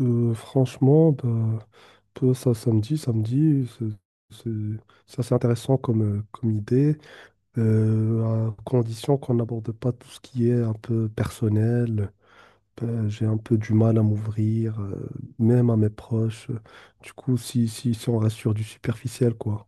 Franchement, bah, peu ça, samedi, samedi, c'est- c'est assez intéressant comme, comme idée, à condition qu'on n'aborde pas tout ce qui est un peu personnel. Ben, j'ai un peu du mal à m'ouvrir, même à mes proches. Du coup, si on reste sur du superficiel, quoi.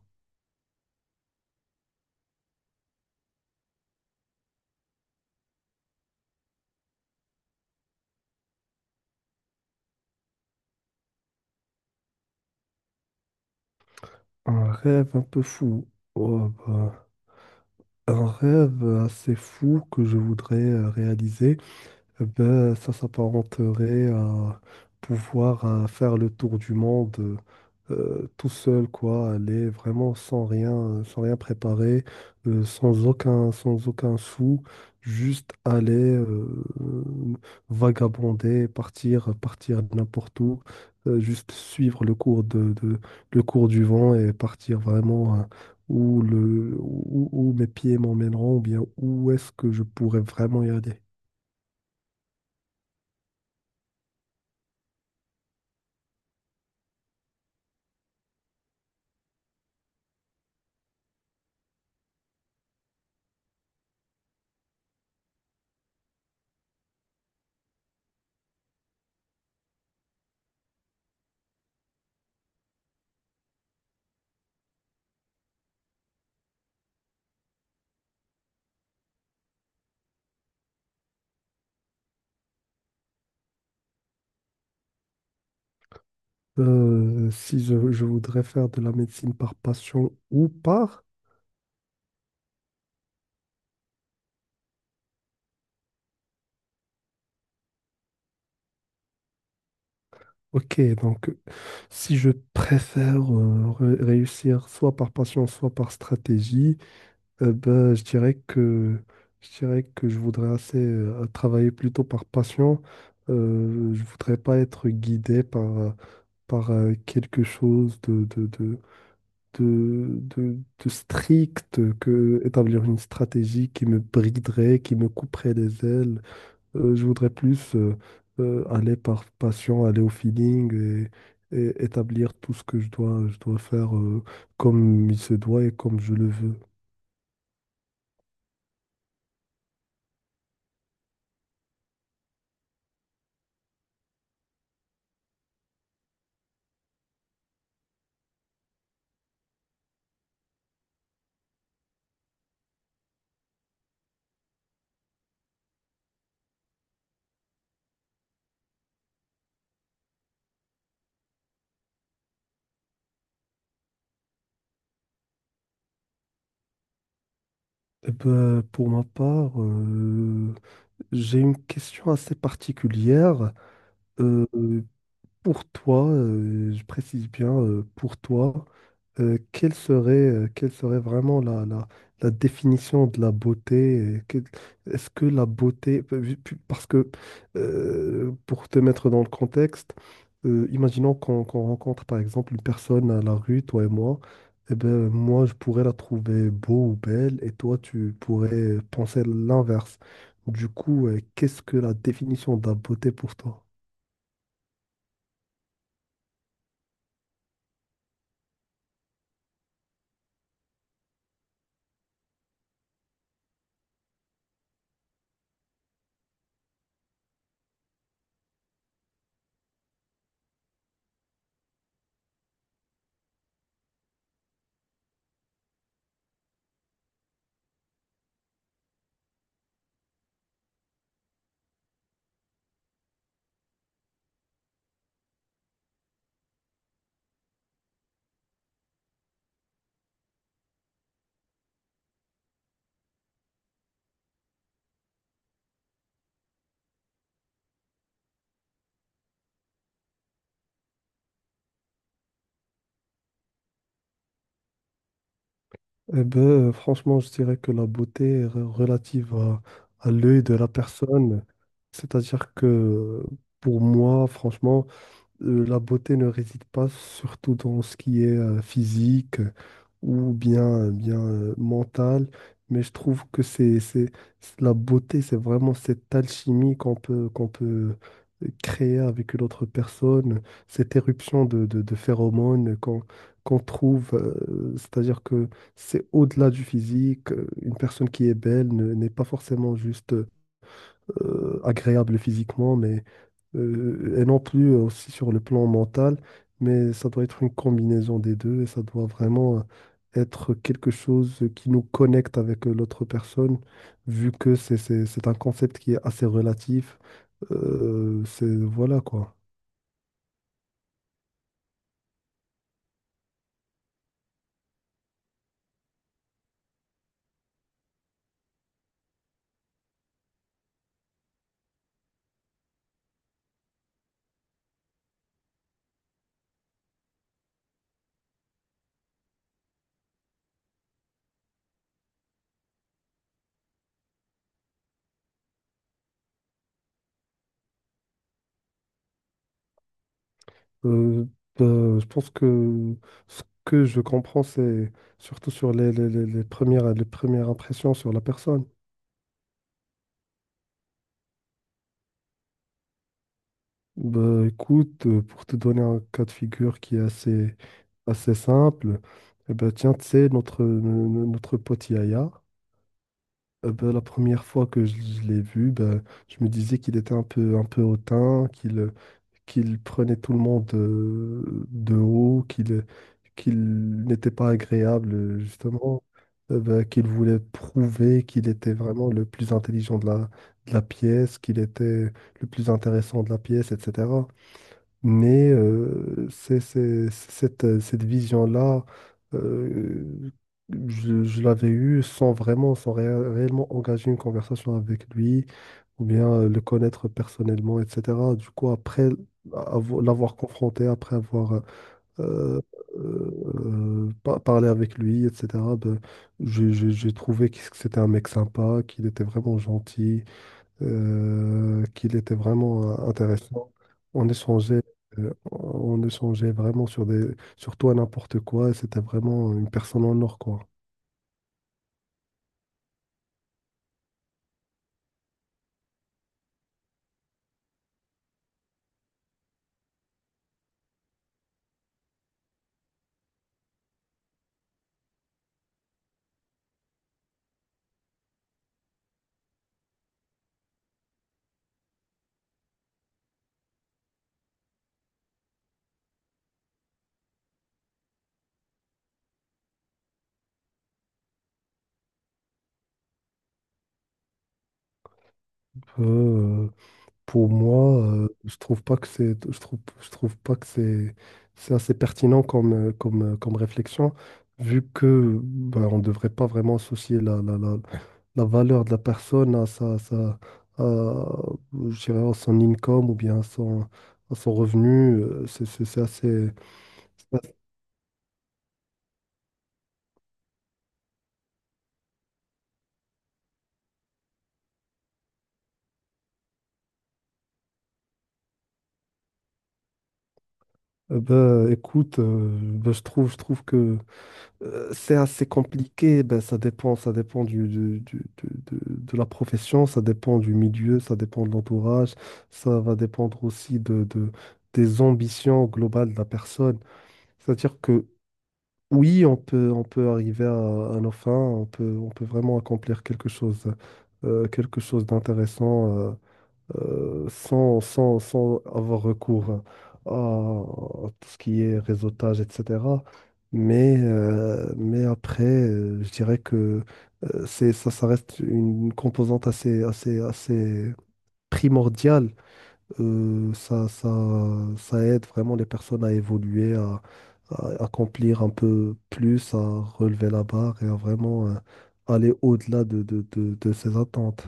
Un rêve un peu fou. Oh, bah, un rêve assez fou que je voudrais réaliser. Eh ben, ça s'apparenterait à pouvoir faire le tour du monde tout seul, quoi, aller vraiment sans rien, sans rien préparer, sans aucun, sans aucun sou, juste aller vagabonder, partir, partir n'importe où, juste suivre le le cours du vent et partir vraiment où le, où, où mes pieds m'emmèneront, ou bien où est-ce que je pourrais vraiment y aller. Si je voudrais faire de la médecine par passion ou par... Ok, donc si je préfère réussir soit par passion, soit par stratégie, ben, je dirais que je voudrais assez travailler plutôt par passion. Je voudrais pas être guidé par quelque chose de, de- de strict, que établir une stratégie qui me briderait, qui me couperait les ailes. Je voudrais plus aller par passion, aller au feeling et établir tout ce que je dois faire comme il se doit et comme je le veux. Eh ben, pour ma part, j'ai une question assez particulière. Euh, pour toi, je précise bien, pour toi, quelle serait vraiment la définition de la beauté? Est-ce que la beauté, pa- vu- pu- parce que pour te mettre dans le contexte, imaginons qu'on rencontre par exemple une personne à la rue, toi et moi, et ben moi je pourrais la trouver beau ou belle, et toi tu pourrais penser l'inverse. Du coup, qu'est-ce que la définition de la beauté pour toi? Eh ben, franchement, je dirais que la beauté est relative à l'œil de la personne. C'est-à-dire que pour moi, franchement, la beauté ne réside pas surtout dans ce qui est physique ou bien, bien mental, mais je trouve que la beauté, c'est vraiment cette alchimie qu'on peut créer avec une autre personne, cette éruption de phéromones qu'on trouve, c'est-à-dire que c'est au-delà du physique, une personne qui est belle n'est pas forcément juste agréable physiquement, mais et non plus aussi sur le plan mental, mais ça doit être une combinaison des deux et ça doit vraiment être quelque chose qui nous connecte avec l'autre personne, vu que c'est un concept qui est assez relatif. C'est voilà quoi. Euh, ben, je pense que ce que je comprends, c'est surtout sur les premières impressions sur la personne. Ben, écoute, pour te donner un cas de figure qui est assez simple. Eh ben, tiens, tu sais, notre, no- no- notre pote Yaya, eh ben, la première fois que je l'ai vu, ben, je me disais qu'il était un peu hautain, qu'il prenait tout le monde de haut, qu'il n'était pas agréable, justement, eh ben, qu'il voulait prouver qu'il était vraiment le plus intelligent de la pièce, qu'il était le plus intéressant de la pièce, etc. Mais c'est cette, cette vision-là, euh, je l'avais eue sans vraiment, sans réellement engager une conversation avec lui, ou bien le connaître personnellement, etc. Du coup, après l'avoir confronté, après avoir euh, parlé avec lui, etc., ben, j'ai trouvé que c'était un mec sympa, qu'il était vraiment gentil qu'il était vraiment intéressant. On échangeait, on échangeait vraiment sur sur tout et n'importe quoi. Et c'était vraiment une personne en or, quoi. Euh, pour moi, je trouve pas que c'est assez pertinent comme, comme réflexion, vu que ben, on ne devrait pas vraiment associer la valeur de la personne à, sa, sa, à, je dirais, à son income ou bien à son revenu. C'est c'est assez. c'est assez- ben, écoute, ben, je trouve que c'est assez compliqué. Ben, ça dépend de la profession, ça dépend du milieu, ça dépend de l'entourage, ça va dépendre aussi des ambitions globales de la personne. C'est-à-dire que oui, on peut arriver à nos fins, on peut vraiment accomplir quelque chose d'intéressant sans avoir recours à tout ce qui est réseautage, etc. Mais après, je dirais que ça reste une composante assez primordiale. Euh, ça, ça, ça aide vraiment les personnes à évoluer, à accomplir un peu plus, à relever la barre et à vraiment aller au-delà de ses attentes.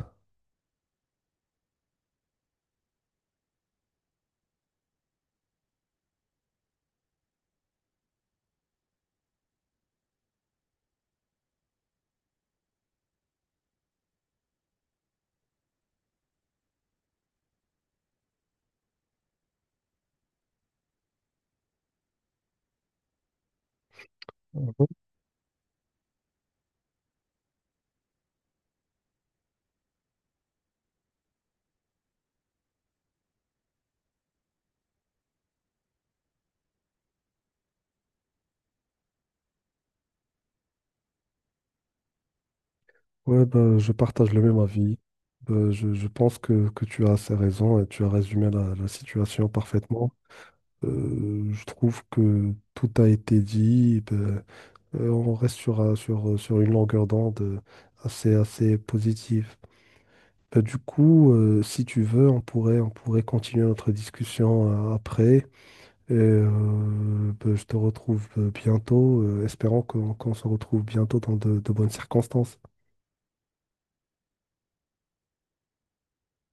Mhm. Ouais, bah je partage le même avis. Ben, je pense que tu as assez raison et tu as résumé la, la situation parfaitement. Je trouve que tout a été dit. Ben, on reste sur, sur, sur une longueur d'onde assez positive. Ben, du coup, si tu veux, on pourrait continuer notre discussion après. Et ben, je te retrouve bientôt, espérant qu'on se retrouve bientôt dans de bonnes circonstances.